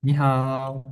你好，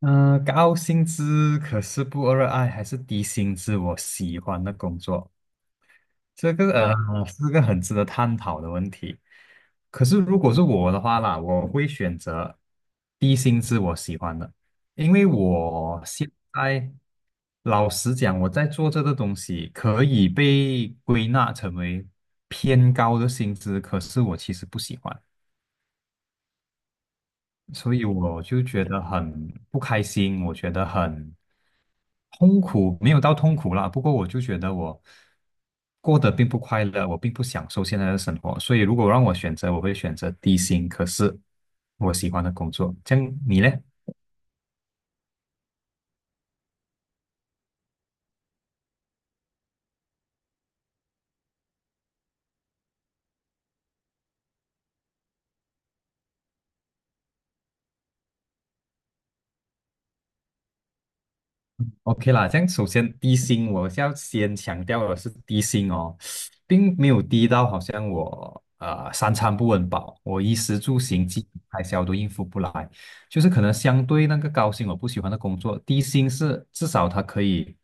嗯、高薪资可是不热爱，还是低薪资我喜欢的工作？这个是个很值得探讨的问题。可是如果是我的话啦，我会选择低薪资我喜欢的，因为我现在老实讲，我在做这个东西可以被归纳成为偏高的薪资，可是我其实不喜欢。所以我就觉得很不开心，我觉得很痛苦没有到痛苦啦，不过我就觉得我过得并不快乐，我并不享受现在的生活，所以如果让我选择，我会选择低薪，可是我喜欢的工作。这样你呢？OK 啦，这样首先低薪，我是要先强调的是低薪哦，并没有低到好像我三餐不温饱，我衣食住行基本开销都应付不来，就是可能相对那个高薪我不喜欢的工作，低薪是至少它可以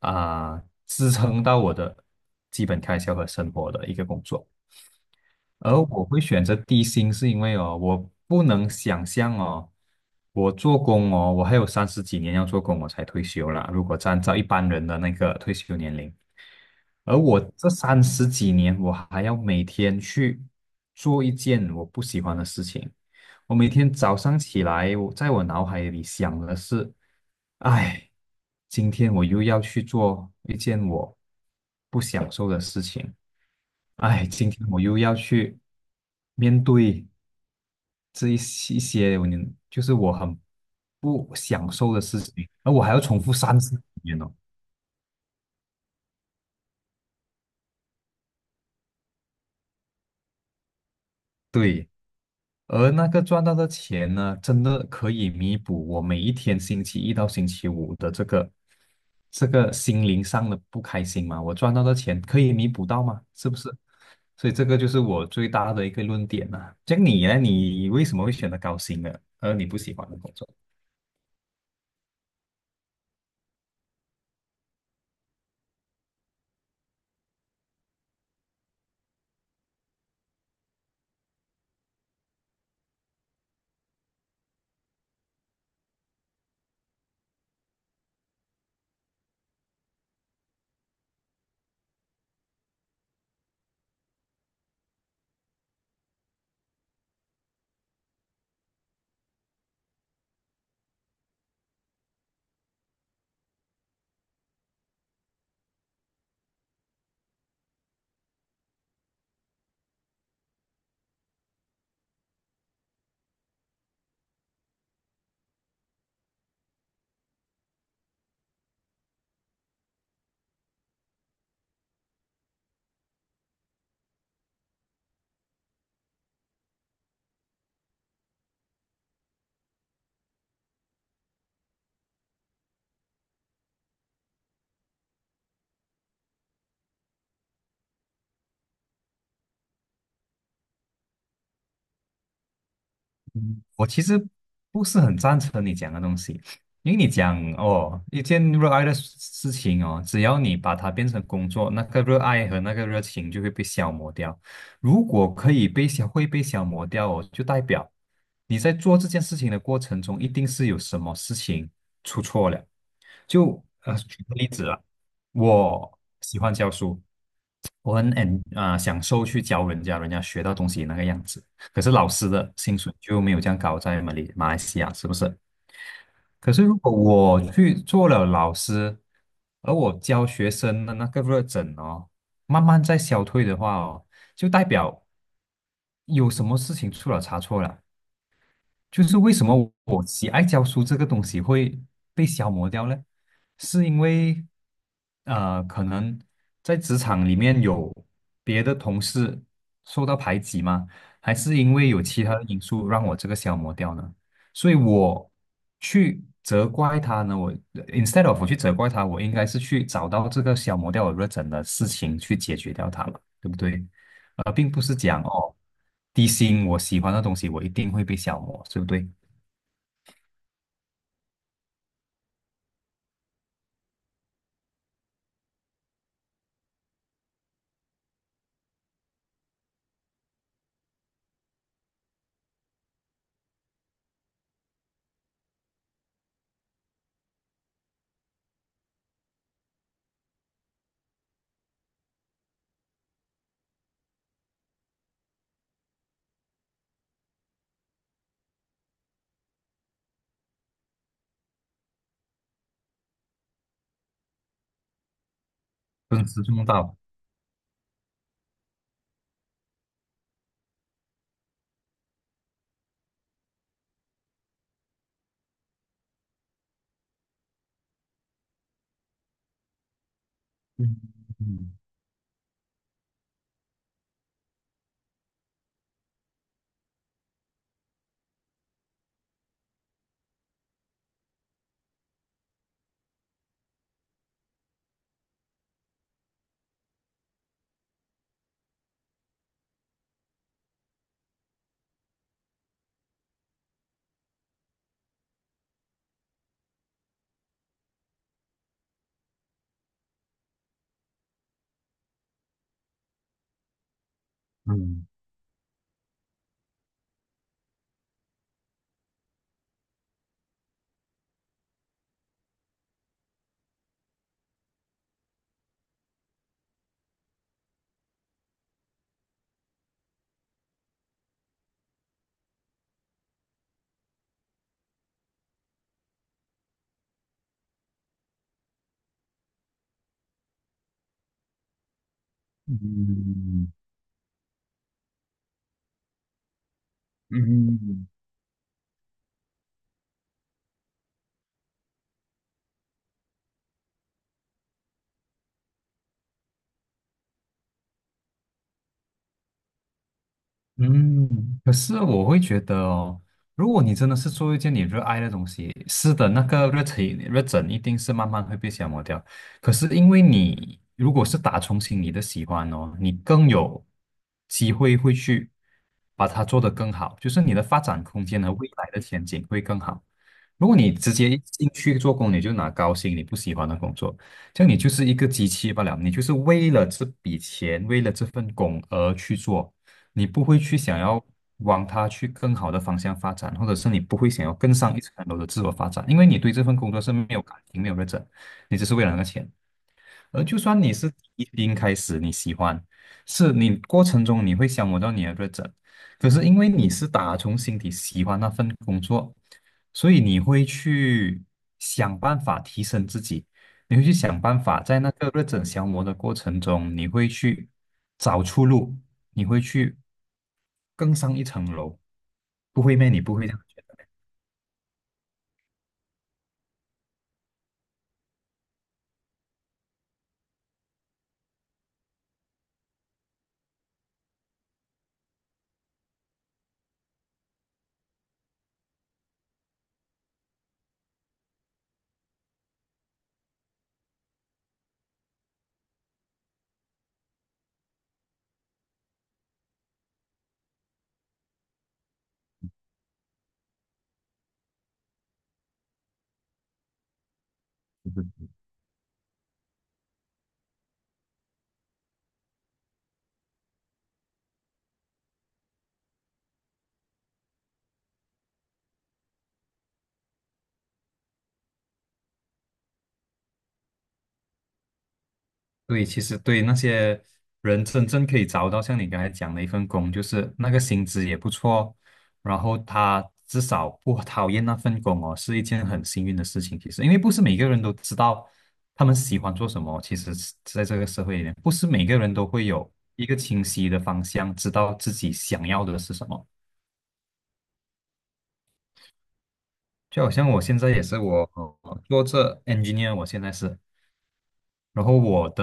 支撑到我的基本开销和生活的一个工作。而我会选择低薪，是因为哦，我不能想象哦，我做工哦，我还有三十几年要做工，我才退休啦。如果按照一般人的那个退休年龄，而我这三十几年，我还要每天去做一件我不喜欢的事情。我每天早上起来，我在我脑海里想的是，哎，今天我又要去做一件我不享受的事情。哎，今天我又要去面对这一些就是我很不享受的事情，而我还要重复三十几年哦。对，而那个赚到的钱呢，真的可以弥补我每一天星期一到星期五的这个心灵上的不开心吗？我赚到的钱可以弥补到吗？是不是？所以这个就是我最大的一个论点呐。这样你呢？你为什么会选择高薪的，而你不喜欢的工作？我其实不是很赞成你讲的东西，因为你讲哦，一件热爱的事情哦，只要你把它变成工作，那个热爱和那个热情就会被消磨掉。如果可以被消，会被消磨掉哦，就代表你在做这件事情的过程中，一定是有什么事情出错了。就举个例子啊，我喜欢教书，我很 享受去教人家，人家学到东西那个样子。可是老师的薪水就没有这样高，在马来西亚是不是？可是如果我去做了老师，而我教学生的那个热忱哦，慢慢在消退的话哦，就代表有什么事情出了差错了。就是为什么我喜爱教书这个东西会被消磨掉呢？是因为，可能在职场里面有别的同事受到排挤吗？还是因为有其他的因素让我这个消磨掉呢？所以我去责怪他呢，instead of 我去责怪他，我应该是去找到这个消磨掉我热忱的事情去解决掉它了，对不对？并不是讲哦，低薪我喜欢的东西，我一定会被消磨，对不对？尊师重到。嗯嗯嗯嗯嗯嗯。嗯，可是我会觉得哦，如果你真的是做一件你热爱的东西，是的，那个热情热忱一定是慢慢会被消磨掉。可是因为你如果是打从心里的喜欢哦，你更有机会会去把它做得更好，就是你的发展空间和未来的前景会更好。如果你直接一进去做工，你就拿高薪你不喜欢的工作，这样你就是一个机器罢了，你就是为了这笔钱，为了这份工而去做。你不会去想要往它去更好的方向发展，或者是你不会想要更上一层楼的自我发展，因为你对这份工作是没有感情、没有热忱，你只是为了那个钱。而就算你是一零开始你喜欢，是你过程中你会消磨到你的热忱，可是因为你是打从心底喜欢那份工作，所以你会去想办法提升自己。你会去想办法，在那个热忱消磨的过程中，你会去找出路，你会去更上一层楼。不会咩？你不会这样觉得？嗯对，其实对那些人真正可以找到像你刚才讲的一份工，就是那个薪资也不错，然后他至少不讨厌那份工哦，是一件很幸运的事情。其实，因为不是每个人都知道他们喜欢做什么。其实是在这个社会里面，不是每个人都会有一个清晰的方向，知道自己想要的是什么。就好像我现在也是做这 engineer，我现在是，然后我的。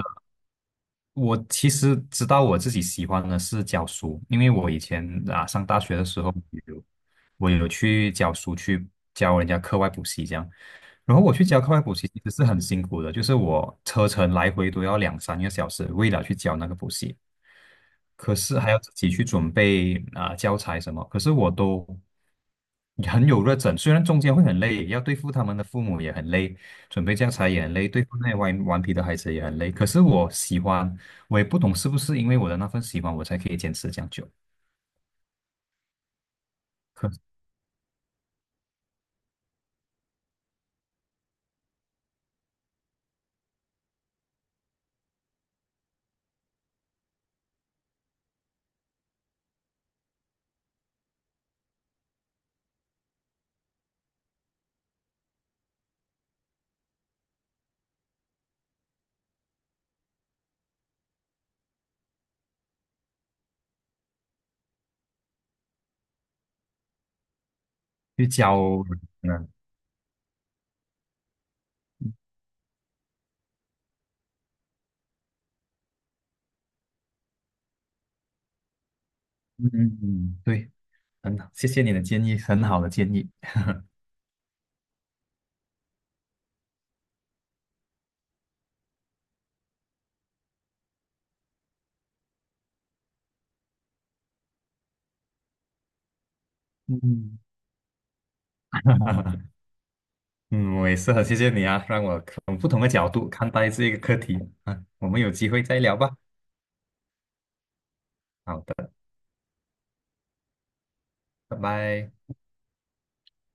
我其实知道我自己喜欢的是教书，因为我以前上大学的时候有我有去教书，去教人家课外补习这样。然后我去教课外补习其实是很辛苦的，就是我车程来回都要两三个小时，为了去教那个补习。可是还要自己去准备教材什么，可是我都很有热忱，虽然中间会很累，要对付他们的父母也很累，准备教材也很累，对付那些顽皮的孩子也很累。可是我喜欢，我也不懂是不是因为我的那份喜欢，我才可以坚持这样久。可去教嗯嗯嗯，对，很好，谢谢你的建议，很好的建议。嗯 嗯，我也是很谢谢你啊，让我从不同的角度看待这个课题。啊。我们有机会再聊吧。好的，拜拜。